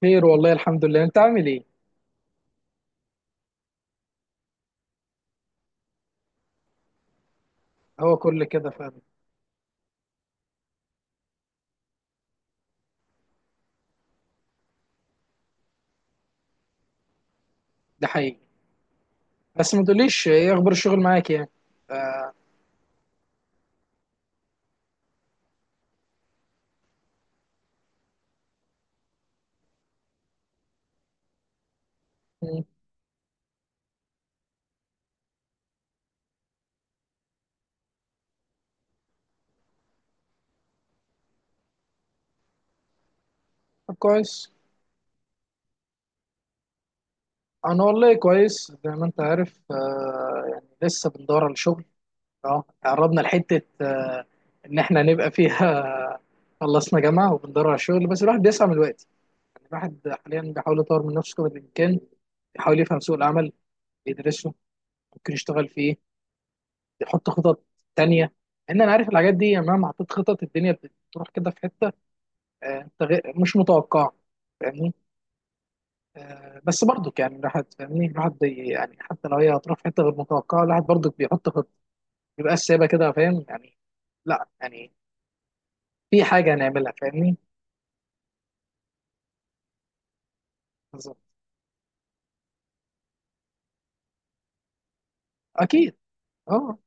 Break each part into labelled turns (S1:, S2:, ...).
S1: خير والله، الحمد لله. انت عامل ايه؟ هو كل كده فعلا؟ ده حقيقي. بس ما تقوليش ايه اخبار الشغل معاك يعني؟ مم. طب، كويس. انا والله كويس، زي ما انت عارف، يعني لسه بندور على شغل. اه قربنا لحته، ان احنا نبقى فيها. خلصنا جامعه وبندور على شغل، بس الواحد بيسعى من الوقت. يعني الواحد حاليا بيحاول يطور من نفسه قدر الامكان، بيحاول يفهم سوق العمل، يدرسه، ممكن يشتغل فيه، يحط خطط تانية. ان انا عارف الحاجات دي، يعني مهما حطيت خطط الدنيا بتروح كده في حته، مش متوقع. فاهمني؟ بس برضو يعني الواحد، فاهمني، الواحد يعني حتى لو هي هتروح في حته غير متوقعه، الواحد برضو بيحط خطه، بيبقى سايبها كده، فاهم يعني. لا يعني في حاجه هنعملها، فاهمني. بالظبط. اكيد. اه.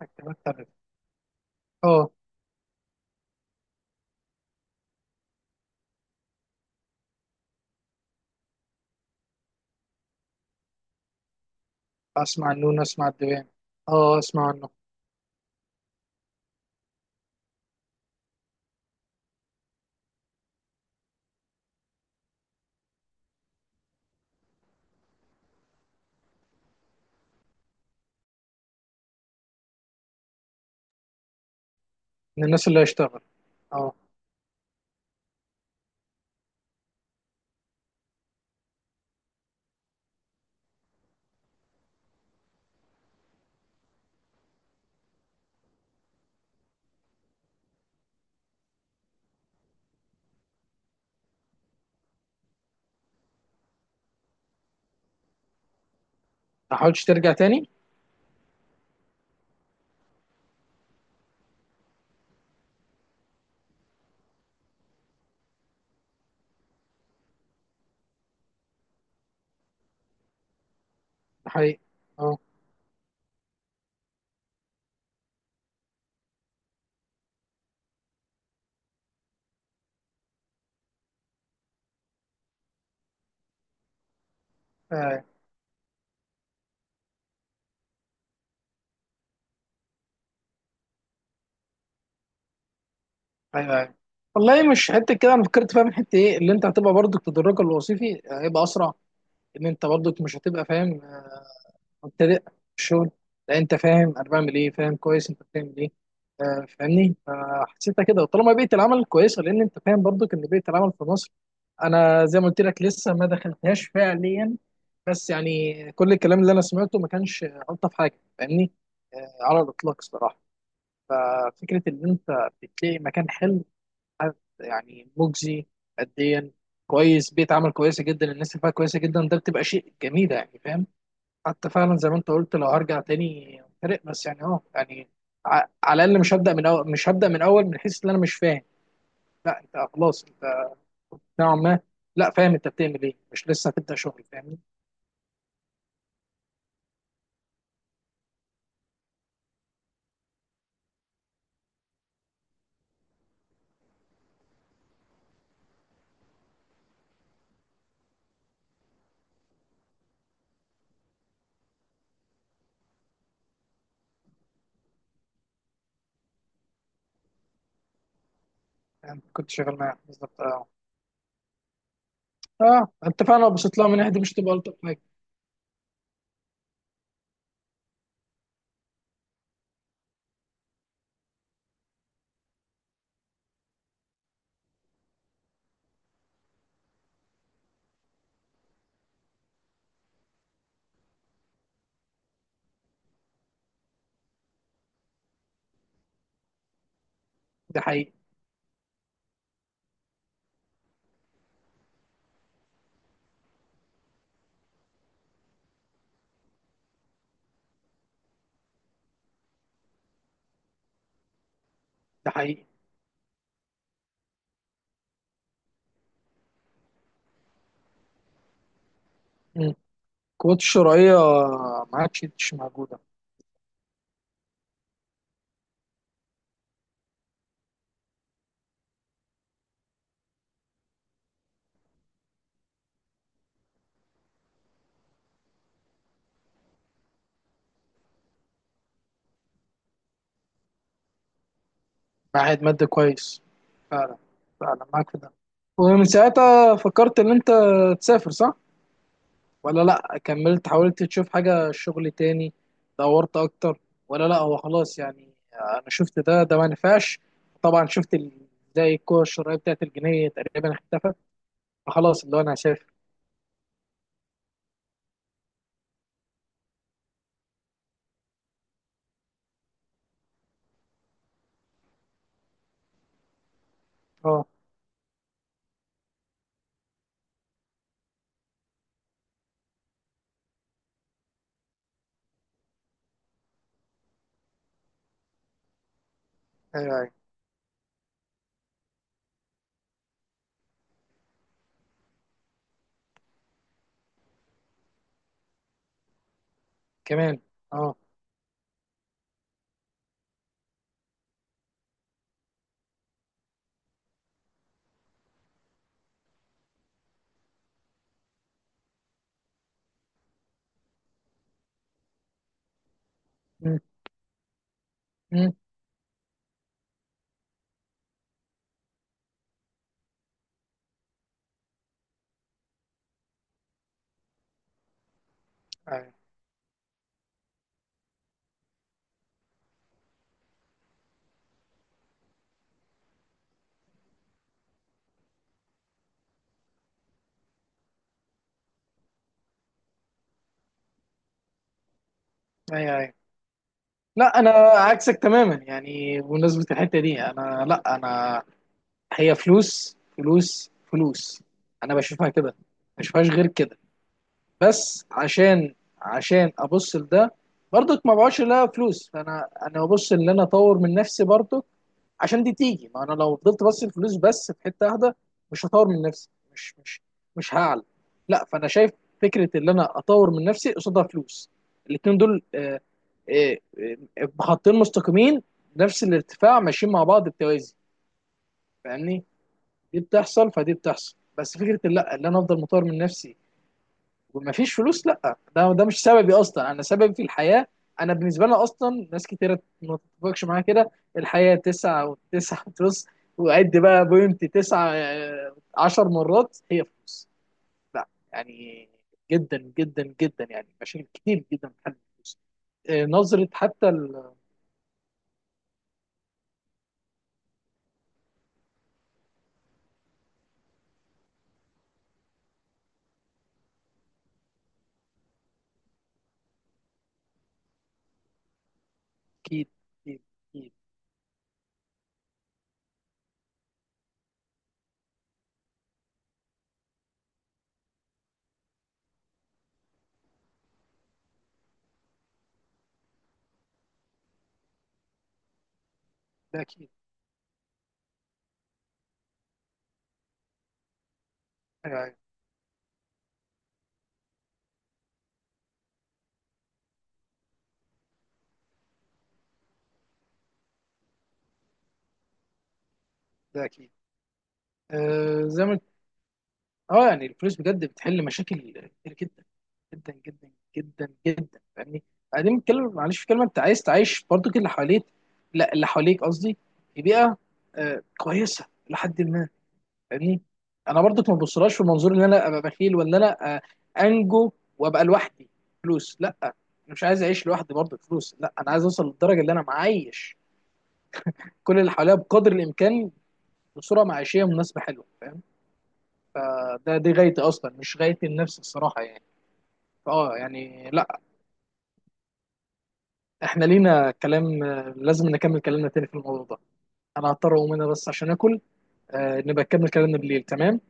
S1: مكتبات تغيير؟ اه، اسمع النون، اسمع الدوام. اه، اسمع عنه. من الناس اللي هيشتغل، اه. ما حاولتش ترجع تاني؟ ده حقيقي. اه، ايوه، ايوه، أيوة. والله مش حته كده انا فكرت فيها، من حته ايه، اللي انت هتبقى برضو تدرجك الوظيفي هيبقى اسرع. ان انت برضك مش هتبقى فاهم، مبتدئ في الشغل. لا، انت فاهم انا بعمل ايه، فاهم كويس انت بتعمل ايه. فاهمني، فحسيتها كده، طالما بيئه العمل كويسه، لان انت فاهم برضك ان بيئه العمل في مصر. انا زي ما قلت لك لسه ما دخلتهاش فعليا، بس يعني كل الكلام اللي انا سمعته ما كانش الطف حاجه، فاهمني. على الاطلاق الصراحه. ففكره ان انت بتلاقي مكان حلو، حد يعني مجزي ماديا كويس، بيئه عمل كويسه جدا، الناس اللي فيها كويسه جدا، ده بتبقى شيء جميل يعني، فاهم. حتى فعلا زي ما انت قلت، لو هرجع تاني فرق، بس يعني يعني على الاقل مش هبدا من اول، مش هبدا من اول، من حيث ان انا مش فاهم. لا، انت خلاص، انت نوعا ما، لا، فاهم انت بتعمل ايه، مش لسه هتبدا شغل، فاهمني. يعني كنت شغال معاه بالظبط، اه. اه، انت فعلا لو بصيت لها من ناحيه دي، مش تبقى الطف حاجه. ده حقيقي. ده حقيقي. مم. القوات الشرعيه ما عادش مش موجوده. معهد مادة كويس. فعلا، فعلا معاك في ده. ومن ساعتها فكرت ان انت تسافر، صح؟ ولا لا كملت حاولت تشوف حاجة شغل تاني؟ دورت اكتر؟ ولا لا، هو خلاص يعني انا شفت ده ما نفعش. طبعا شفت زي الكرة الشرعية بتاعت الجنيه تقريبا اختفت. فخلاص اللي هو انا هسافر. اه، ايوه، ايوه، كمان، اه. مم، مم، ايوه، ايوه، ايوه. لا، انا عكسك تماما، يعني بمناسبة الحتة دي، لا انا هي فلوس فلوس فلوس. انا بشوفها كده، ما بشوفهاش غير كده. بس عشان ابص لده برضك، ما بقعدش لا فلوس، فانا ببص ان انا اطور من نفسي برضك عشان دي تيجي. ما انا لو فضلت بص الفلوس بس في حته واحده مش هطور من نفسي. مش مش مش هعلى، لا، فانا شايف فكره ان انا اطور من نفسي قصادها فلوس، الاتنين دول آه، خطين مستقيمين، نفس الارتفاع، ماشيين مع بعض بتوازي. فاهمني. دي بتحصل، فدي بتحصل، بس فكره لا، ان انا افضل مطور من نفسي ومفيش فلوس، لا، ده مش سببي اصلا، انا سببي في الحياه. انا بالنسبه لنا اصلا ناس كتيره ما تتفقش معايا كده، الحياه تسعة وتسعة فلوس، وعد بقى بوينت تسعة، 10 مرات هي فلوس. لا يعني، جدا جدا جدا يعني مشاكل كتير جدا بتحل الفلوس. نظره حتى. اكيد، اكيد، اكيد. ده اكيد. أيوة، أيوة. ده اكيد. زي ما اه يعني الفلوس بجد بتحل مشاكل كتير، جدا جدا جدا جدا جدا. فاهمني. بعدين بتكلم، معلش في كلمه، انت عايز تعيش برضو كل اللي حواليك، لا اللي حواليك قصدي، في بيئه كويسه لحد ما، فاهمني. انا برضو ما ببصلهاش في منظور ان انا ابقى بخيل، ولا انا انجو وابقى لوحدي فلوس، لا، انا مش عايز اعيش لوحدي برضو فلوس، لا، انا عايز اوصل للدرجه اللي انا معايش كل اللي حواليا بقدر الامكان، بصوره معيشيه مناسبه حلوه، فاهم. آه، ده دي غايتي اصلا، مش غايتي النفس الصراحه يعني. فاه يعني، لا، احنا لينا كلام، لازم نكمل كلامنا تاني في الموضوع ده. انا هضطر اقوم هنا بس عشان اكل، نبقى نكمل كلامنا بالليل، تمام.